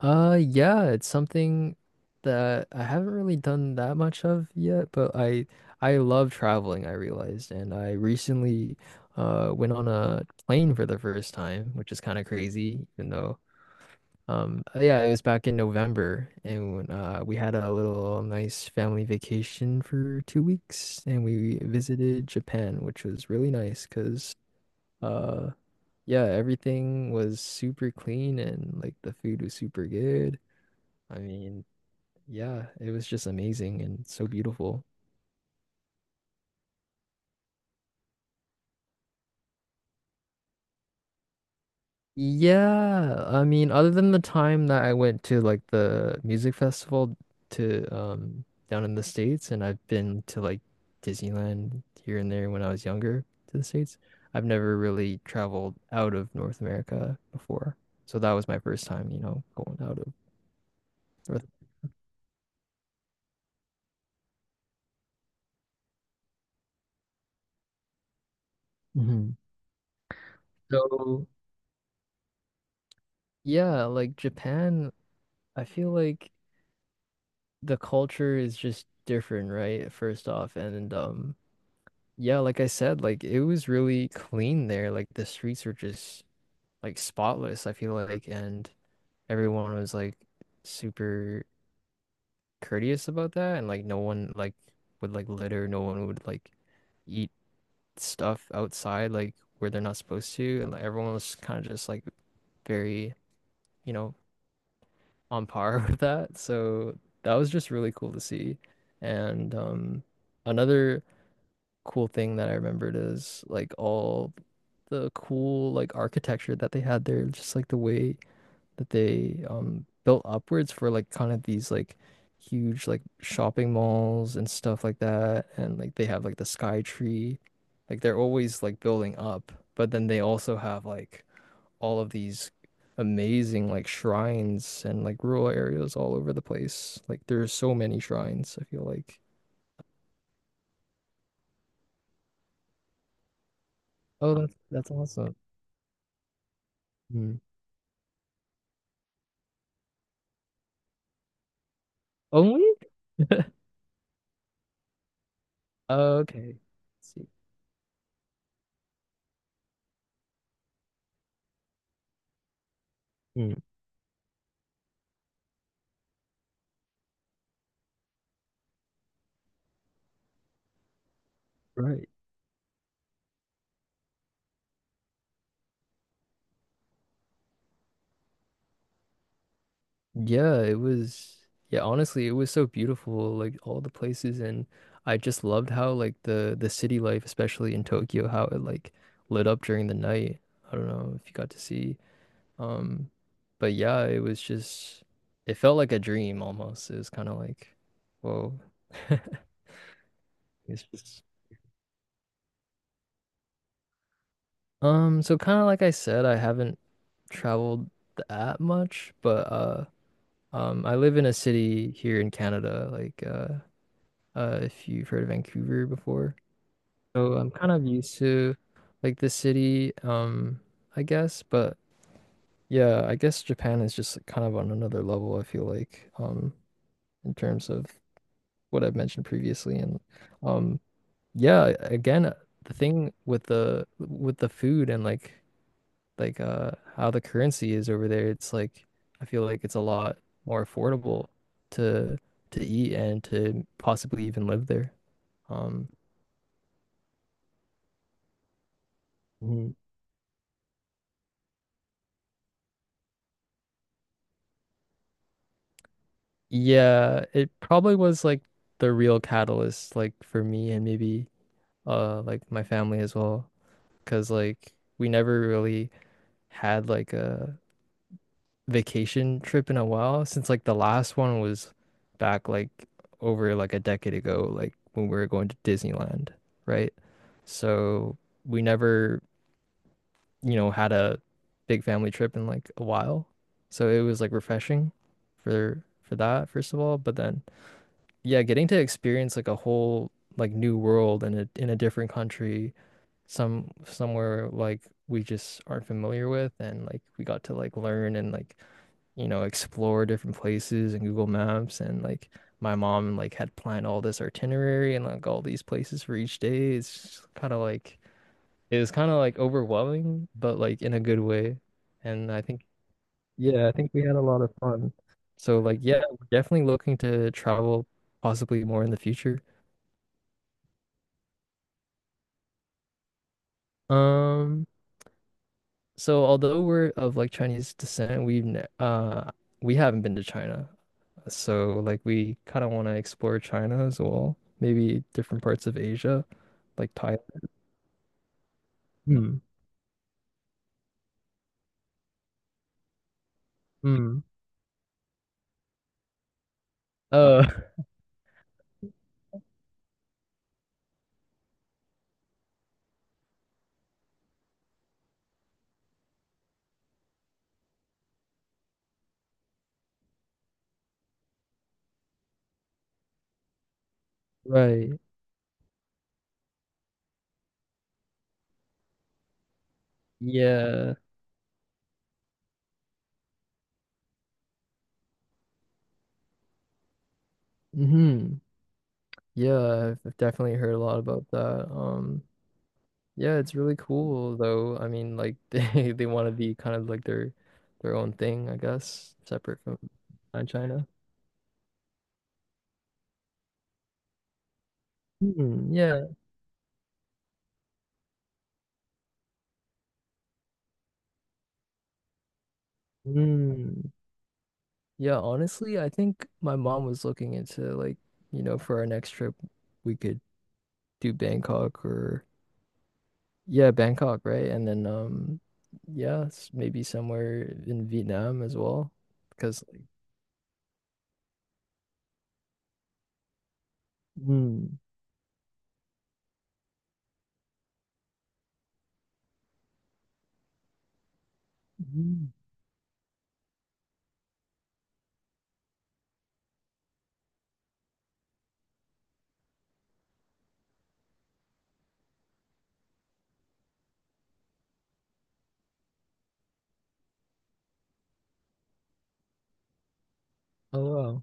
Yeah, it's something that I haven't really done that much of yet, but I love traveling, I realized, and I recently went on a plane for the first time, which is kind of crazy, even though yeah, it was back in November, and when, we had a little nice family vacation for 2 weeks, and we visited Japan, which was really nice because uh yeah, everything was super clean and like the food was super good. I mean, yeah, it was just amazing and so beautiful. Yeah, I mean, other than the time that I went to like the music festival to down in the States, and I've been to like Disneyland here and there when I was younger to the States, I've never really traveled out of North America before. So that was my first time, you know, going out of North. Mhm. So yeah, like Japan, I feel like the culture is just different, right? First off, and yeah, like I said, like it was really clean there. Like the streets were just like spotless, I feel like, and everyone was like super courteous about that and like no one like would like litter, no one would like eat stuff outside like where they're not supposed to and like everyone was kind of just like very, you know, on par with that. So that was just really cool to see. And another cool thing that I remembered is like all the cool like architecture that they had there, just like the way that they built upwards for like kind of these like huge like shopping malls and stuff like that. And like they have like the Sky Tree. Like they're always like building up, but then they also have like all of these amazing like shrines and like rural areas all over the place. Like there's so many shrines, I feel like. Oh, that's awesome. Mm. Only? Oh, okay. See. Mm. Right. Yeah, it was yeah, honestly, it was so beautiful, like all the places and I just loved how like the city life, especially in Tokyo, how it like lit up during the night. I don't know if you got to see. Um, but yeah, it was just it felt like a dream almost. It was kind of like, whoa. It's just so kind of like I said, I haven't traveled that much, but I live in a city here in Canada, like if you've heard of Vancouver before. So I'm kind of used to like the city, I guess. But yeah, I guess Japan is just like, kind of on another level, I feel like, in terms of what I've mentioned previously. And um, yeah, again, the thing with the food and like how the currency is over there. It's like I feel like it's a lot more affordable to to eat and to possibly even live there. Um. Mhm. Yeah, it probably was like the real catalyst like for me and maybe like my family as well because like we never really had like a vacation trip in a while since like the last one was back like over like a decade ago, like when we were going to Disneyland, right? So we never, you know, had a big family trip in like a while. So it was like refreshing for that first of all, but then yeah, getting to experience like a whole like new world and a in a different country somewhere like we just aren't familiar with and like we got to like learn and like you know explore different places and Google Maps and like my mom like had planned all this itinerary and like all these places for each day it's kind of like it was kind of like overwhelming but like in a good way and I think yeah I think we had a lot of fun so like yeah we're definitely looking to travel possibly more in the future. um So although we're of like Chinese descent, we haven't been to China. So like we kind of want to explore China as well. Maybe different parts of Asia, like Thailand. Hmm. Hmm. Oh, right. Yeah. Hmm. Yeah, I've definitely heard a lot about that. Yeah, it's really cool though. I mean, like they want to be kind of like their own thing, I guess, separate from China. Hmm, yeah. Hmm. Yeah, honestly, I think my mom was looking into like, you know, for our next trip, we could do Bangkok or yeah, Bangkok, right? And then yeah, maybe somewhere in Vietnam as well because like mm, mm. Oh wow.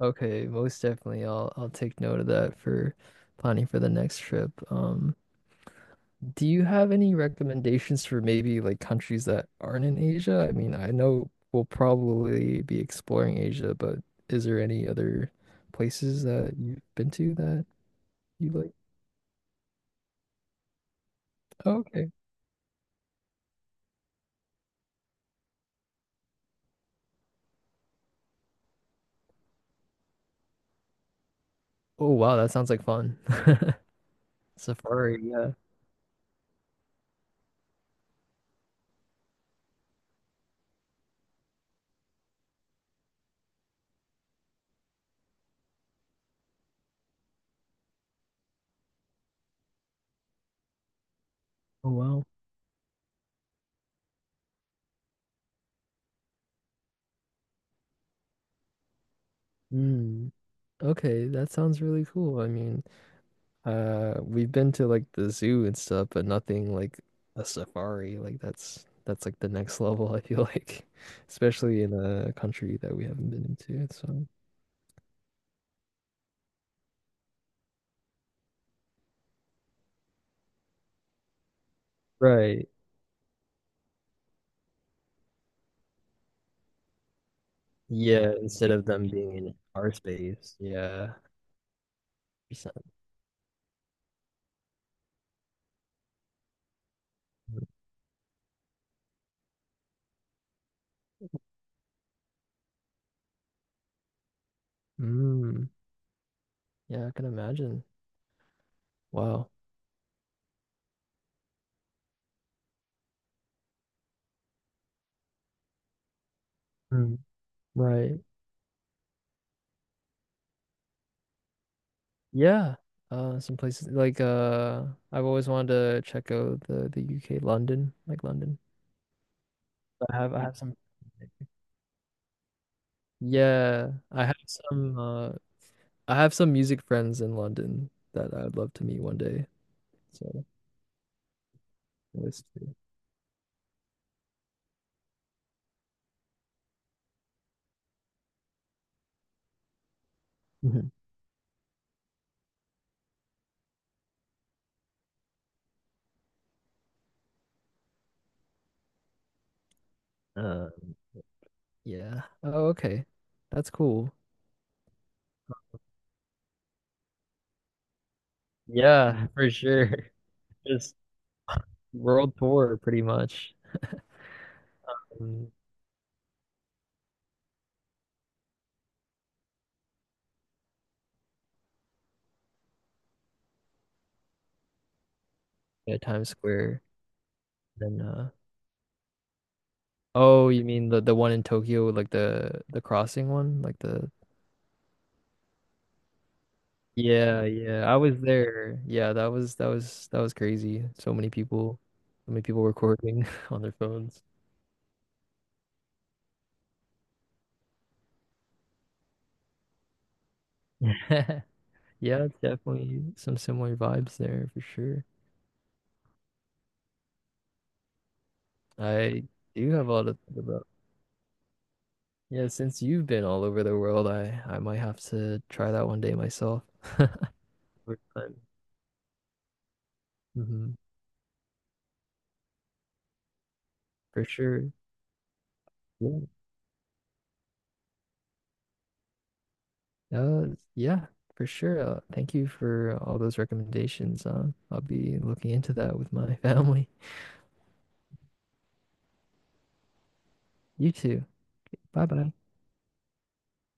Okay, most definitely. I'll take note of that for planning for the next trip. Do you have any recommendations for maybe like countries that aren't in Asia? I mean, I know we'll probably be exploring Asia, but is there any other places that you've been to that you like? Oh, okay. Oh, wow, that sounds like fun. Safari, yeah. Oh, wow. Mm. Okay, that sounds really cool. I mean, we've been to like the zoo and stuff, but nothing like a safari. Like that's like the next level, I feel like, especially in a country that we haven't been into. So, right. Yeah, instead of them being in our space. Yeah. Percent. Mm, yeah, I can imagine. Wow. Mm, right. Yeah. Some places like I've always wanted to check out the UK, London, like London. I have some. Yeah, I have some music friends in London that I'd love to meet one day. So always do. Mhm. Um, yeah. Oh, okay. That's cool. Yeah, for sure. Just world tour pretty much. Um, yeah, Times Square. Then oh, you mean the one in Tokyo, like the crossing one, like the Yeah, yeah. I was there. Yeah, that was crazy. So many people recording on their phones. Yeah, it's definitely some similar vibes there for sure. I do have a lot to think about. Yeah, since you've been all over the world, I might have to try that one day myself. For time, hmm. For sure. Yeah. Uh, yeah, for sure. Thank you for all those recommendations. I'll be looking into that with my family. You too. Bye bye.